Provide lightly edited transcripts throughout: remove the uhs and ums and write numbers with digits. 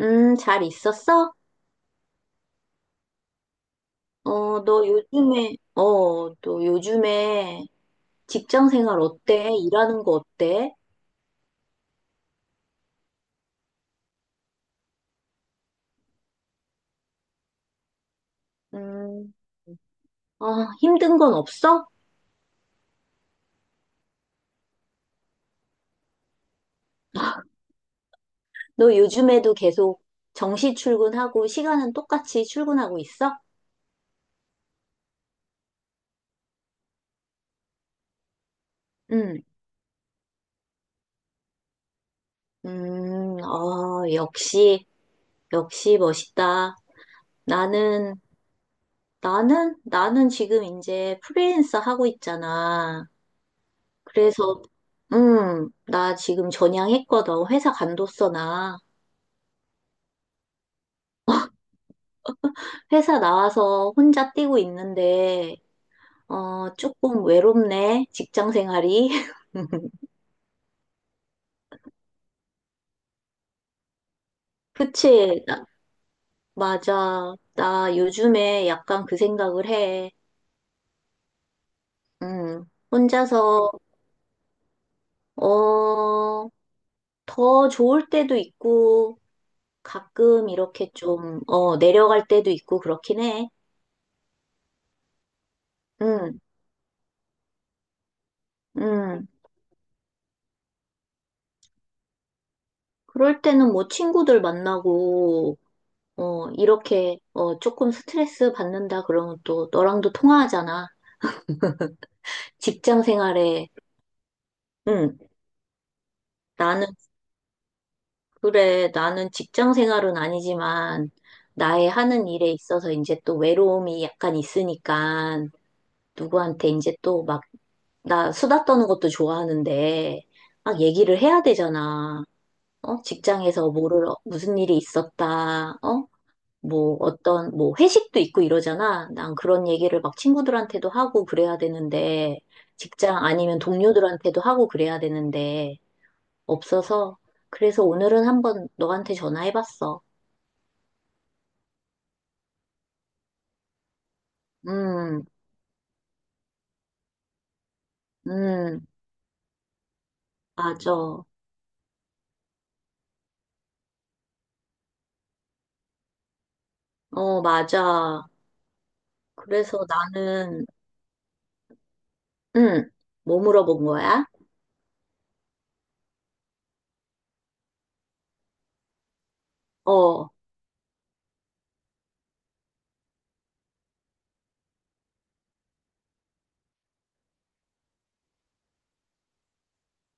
잘 있었어? 어, 너 요즘에 직장 생활 어때? 일하는 거 어때? 음, 아, 힘든 건 없어? 너 요즘에도 계속 정시 출근하고 시간은 똑같이 출근하고 있어? 응. 음, 어, 역시, 역시 멋있다. 나는, 나는 지금 이제 프리랜서 하고 있잖아. 그래서, 나 지금 전향했거든. 회사 간뒀어, 나. 회사 나와서 혼자 뛰고 있는데, 조금 외롭네. 직장 생활이. 그치? 맞아. 나 요즘에 약간 그 생각을 해. 음, 혼자서, 어, 더 좋을 때도 있고, 가끔 이렇게 좀 내려갈 때도 있고, 그렇긴 해. 음. 음. 그럴 때는 뭐 친구들 만나고, 조금 스트레스 받는다 그러면 또 너랑도 통화하잖아. 직장 생활에, 응, 나는, 그래, 나는 직장 생활은 아니지만, 나의 하는 일에 있어서 이제 또 외로움이 약간 있으니까, 누구한테 이제 또 막, 나 수다 떠는 것도 좋아하는데, 막 얘기를 해야 되잖아. 직장에서 뭐를, 무슨 일이 있었다. 뭐 어떤 뭐 회식도 있고 이러잖아. 난 그런 얘기를 막 친구들한테도 하고 그래야 되는데 직장 아니면 동료들한테도 하고 그래야 되는데 없어서 그래서 오늘은 한번 너한테 전화해봤어. 음, 음, 맞아. 어, 맞아. 그래서 나는 음, 뭐 물어본 거야? 어,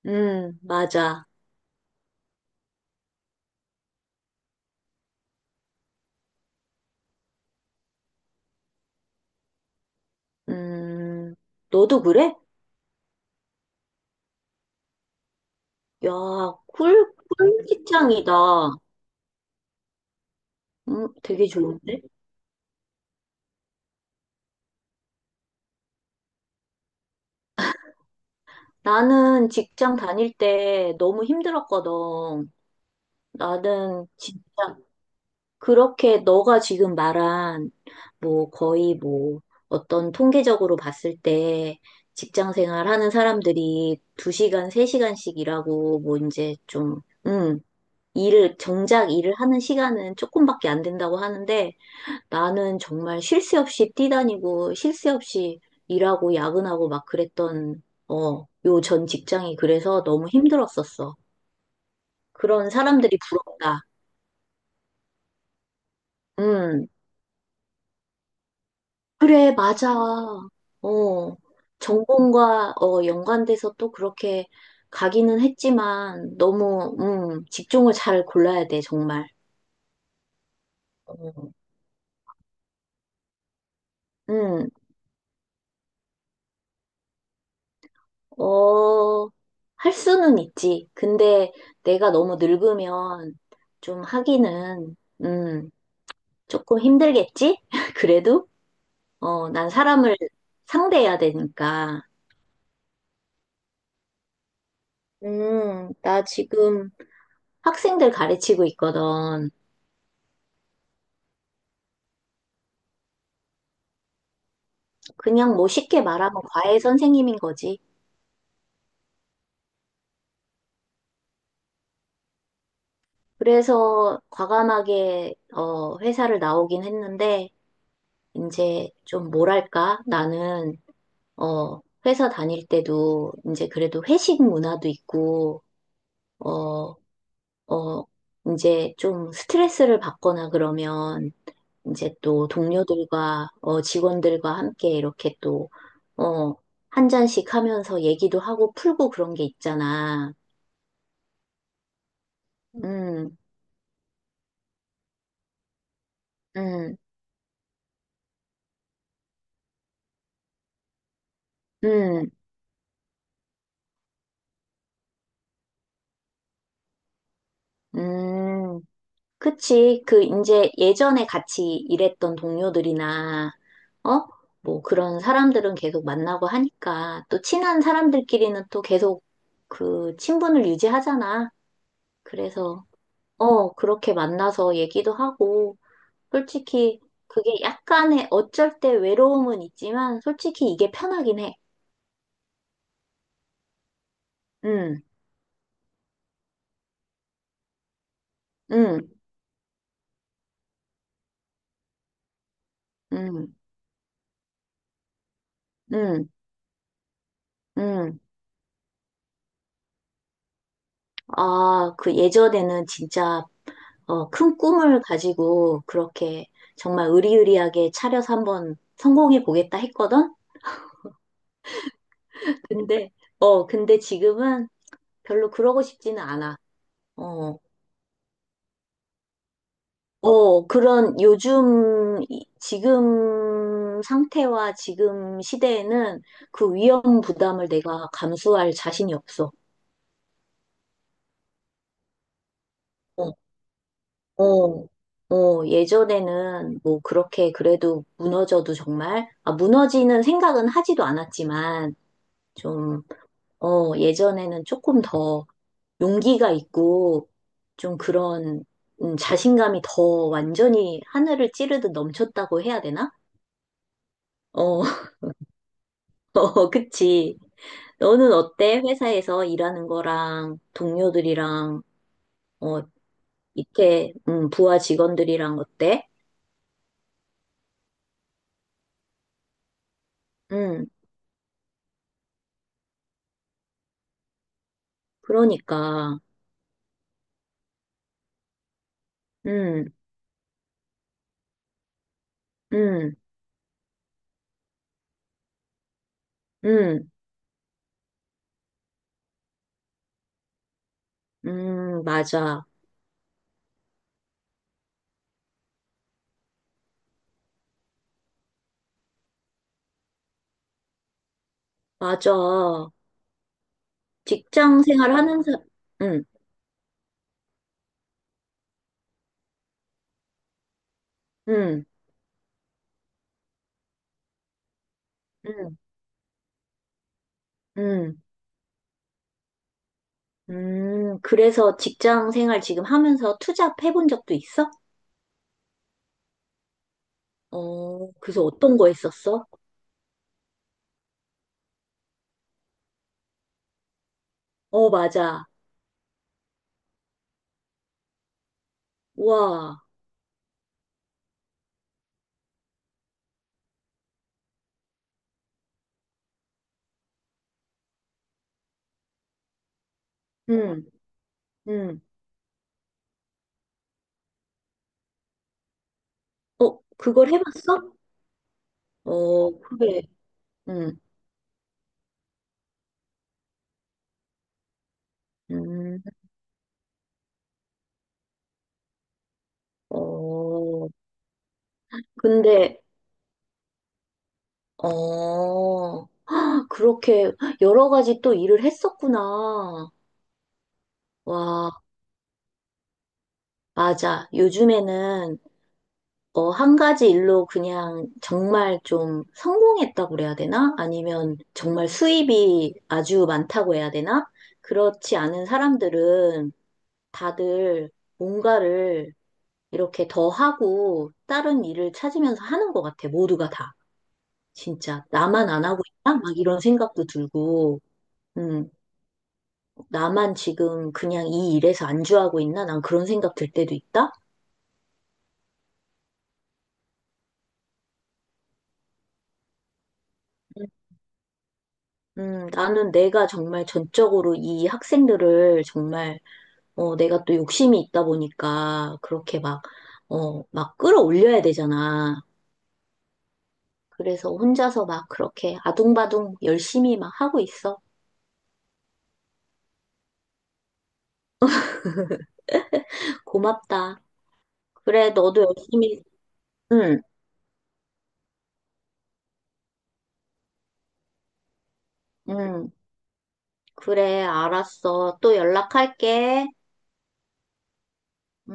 맞아. 음, 너도 그래? 야, 꿀 직장이다. 되게 좋은데? 나는 직장 다닐 때 너무 힘들었거든. 나는 진짜 그렇게 너가 지금 말한 뭐 거의 뭐 어떤 통계적으로 봤을 때 직장 생활 하는 사람들이 2시간, 3시간씩 일하고 뭐 이제 좀, 음, 일을, 정작 일을 하는 시간은 조금밖에 안 된다고 하는데 나는 정말 쉴 새 없이 뛰다니고, 쉴 새 없이 일하고, 야근하고 막 그랬던, 요 전 직장이 그래서 너무 힘들었었어. 그런 사람들이 부럽다. 음, 그래, 맞아. 어, 전공과, 연관돼서 또 그렇게 가기는 했지만, 직종을 잘 골라야 돼, 정말. 어, 음, 어, 할 수는 있지. 근데 내가 너무 늙으면 좀 하기는, 음, 조금 힘들겠지? 그래도? 어, 난 사람을 상대해야 되니까. 나 지금 학생들 가르치고 있거든. 그냥 뭐 쉽게 말하면 과외 선생님인 거지. 그래서 과감하게 회사를 나오긴 했는데, 이제 좀 뭐랄까? 나는 회사 다닐 때도 이제 그래도 회식 문화도 있고, 어, 어, 이제 좀 스트레스를 받거나 그러면 이제 또 동료들과 직원들과 함께 이렇게 또, 어, 한 잔씩 하면서 얘기도 하고 풀고 그런 게 있잖아. 음. 음, 음, 음. 그치. 그, 이제 예전에 같이 일했던 동료들이나, 어? 뭐 그런 사람들은 계속 만나고 하니까, 또 친한 사람들끼리는 또 계속 그 친분을 유지하잖아. 그래서, 어, 그렇게 만나서 얘기도 하고, 솔직히 그게 약간의 어쩔 때 외로움은 있지만, 솔직히 이게 편하긴 해. 응, 응, 응, 응, 응. 아, 그 예전에는 진짜 큰 꿈을 가지고 그렇게 정말 의리의리하게 차려서 한번 성공해 보겠다 했거든? 근데, 근데 지금은 별로 그러고 싶지는 않아. 어, 그런 지금 상태와 지금 시대에는 그 위험 부담을 내가 감수할 자신이 없어. 어, 어, 예전에는 뭐 그렇게 그래도 무너져도 정말, 무너지는 생각은 하지도 않았지만, 좀 예전에는 조금 더 용기가 있고 좀 그런 자신감이 더 완전히 하늘을 찌르듯 넘쳤다고 해야 되나? 어, 어, 그치. 너는 어때? 회사에서 일하는 거랑 동료들이랑 어, 밑에 부하 직원들이랑 어때? 음, 그러니까. 음, 음, 음, 맞아. 맞아. 직장 생활 하는 사, 음, 음, 음, 음. 그래서 직장 생활 지금 하면서 투잡 해본 적도 있어? 어, 그래서 어떤 거 했었어? 어, 맞아. 와, 응. 응. 어, 그걸 해봤어? 어, 그래. 응. 음. 어, 근데, 어, 아, 그렇게 여러 가지 또 일을 했었구나. 와, 맞아. 요즘에는 한 가지 일로 그냥 정말 좀 성공했다고 그래야 되나? 아니면 정말 수입이 아주 많다고 해야 되나? 그렇지 않은 사람들은 다들 뭔가를 이렇게 더 하고 다른 일을 찾으면서 하는 것 같아, 모두가 다. 진짜. 나만 안 하고 있나? 막 이런 생각도 들고, 음, 나만 지금 그냥 이 일에서 안주하고 있나? 난 그런 생각 들 때도 있다? 나는 내가 정말 전적으로 이 학생들을 정말 내가 또 욕심이 있다 보니까 그렇게 막, 막 끌어올려야 되잖아. 그래서 혼자서 막 그렇게 아둥바둥 열심히 막 하고 있어. 고맙다. 그래, 너도 열심히, 응. 응. 그래, 알았어. 또 연락할게. 음.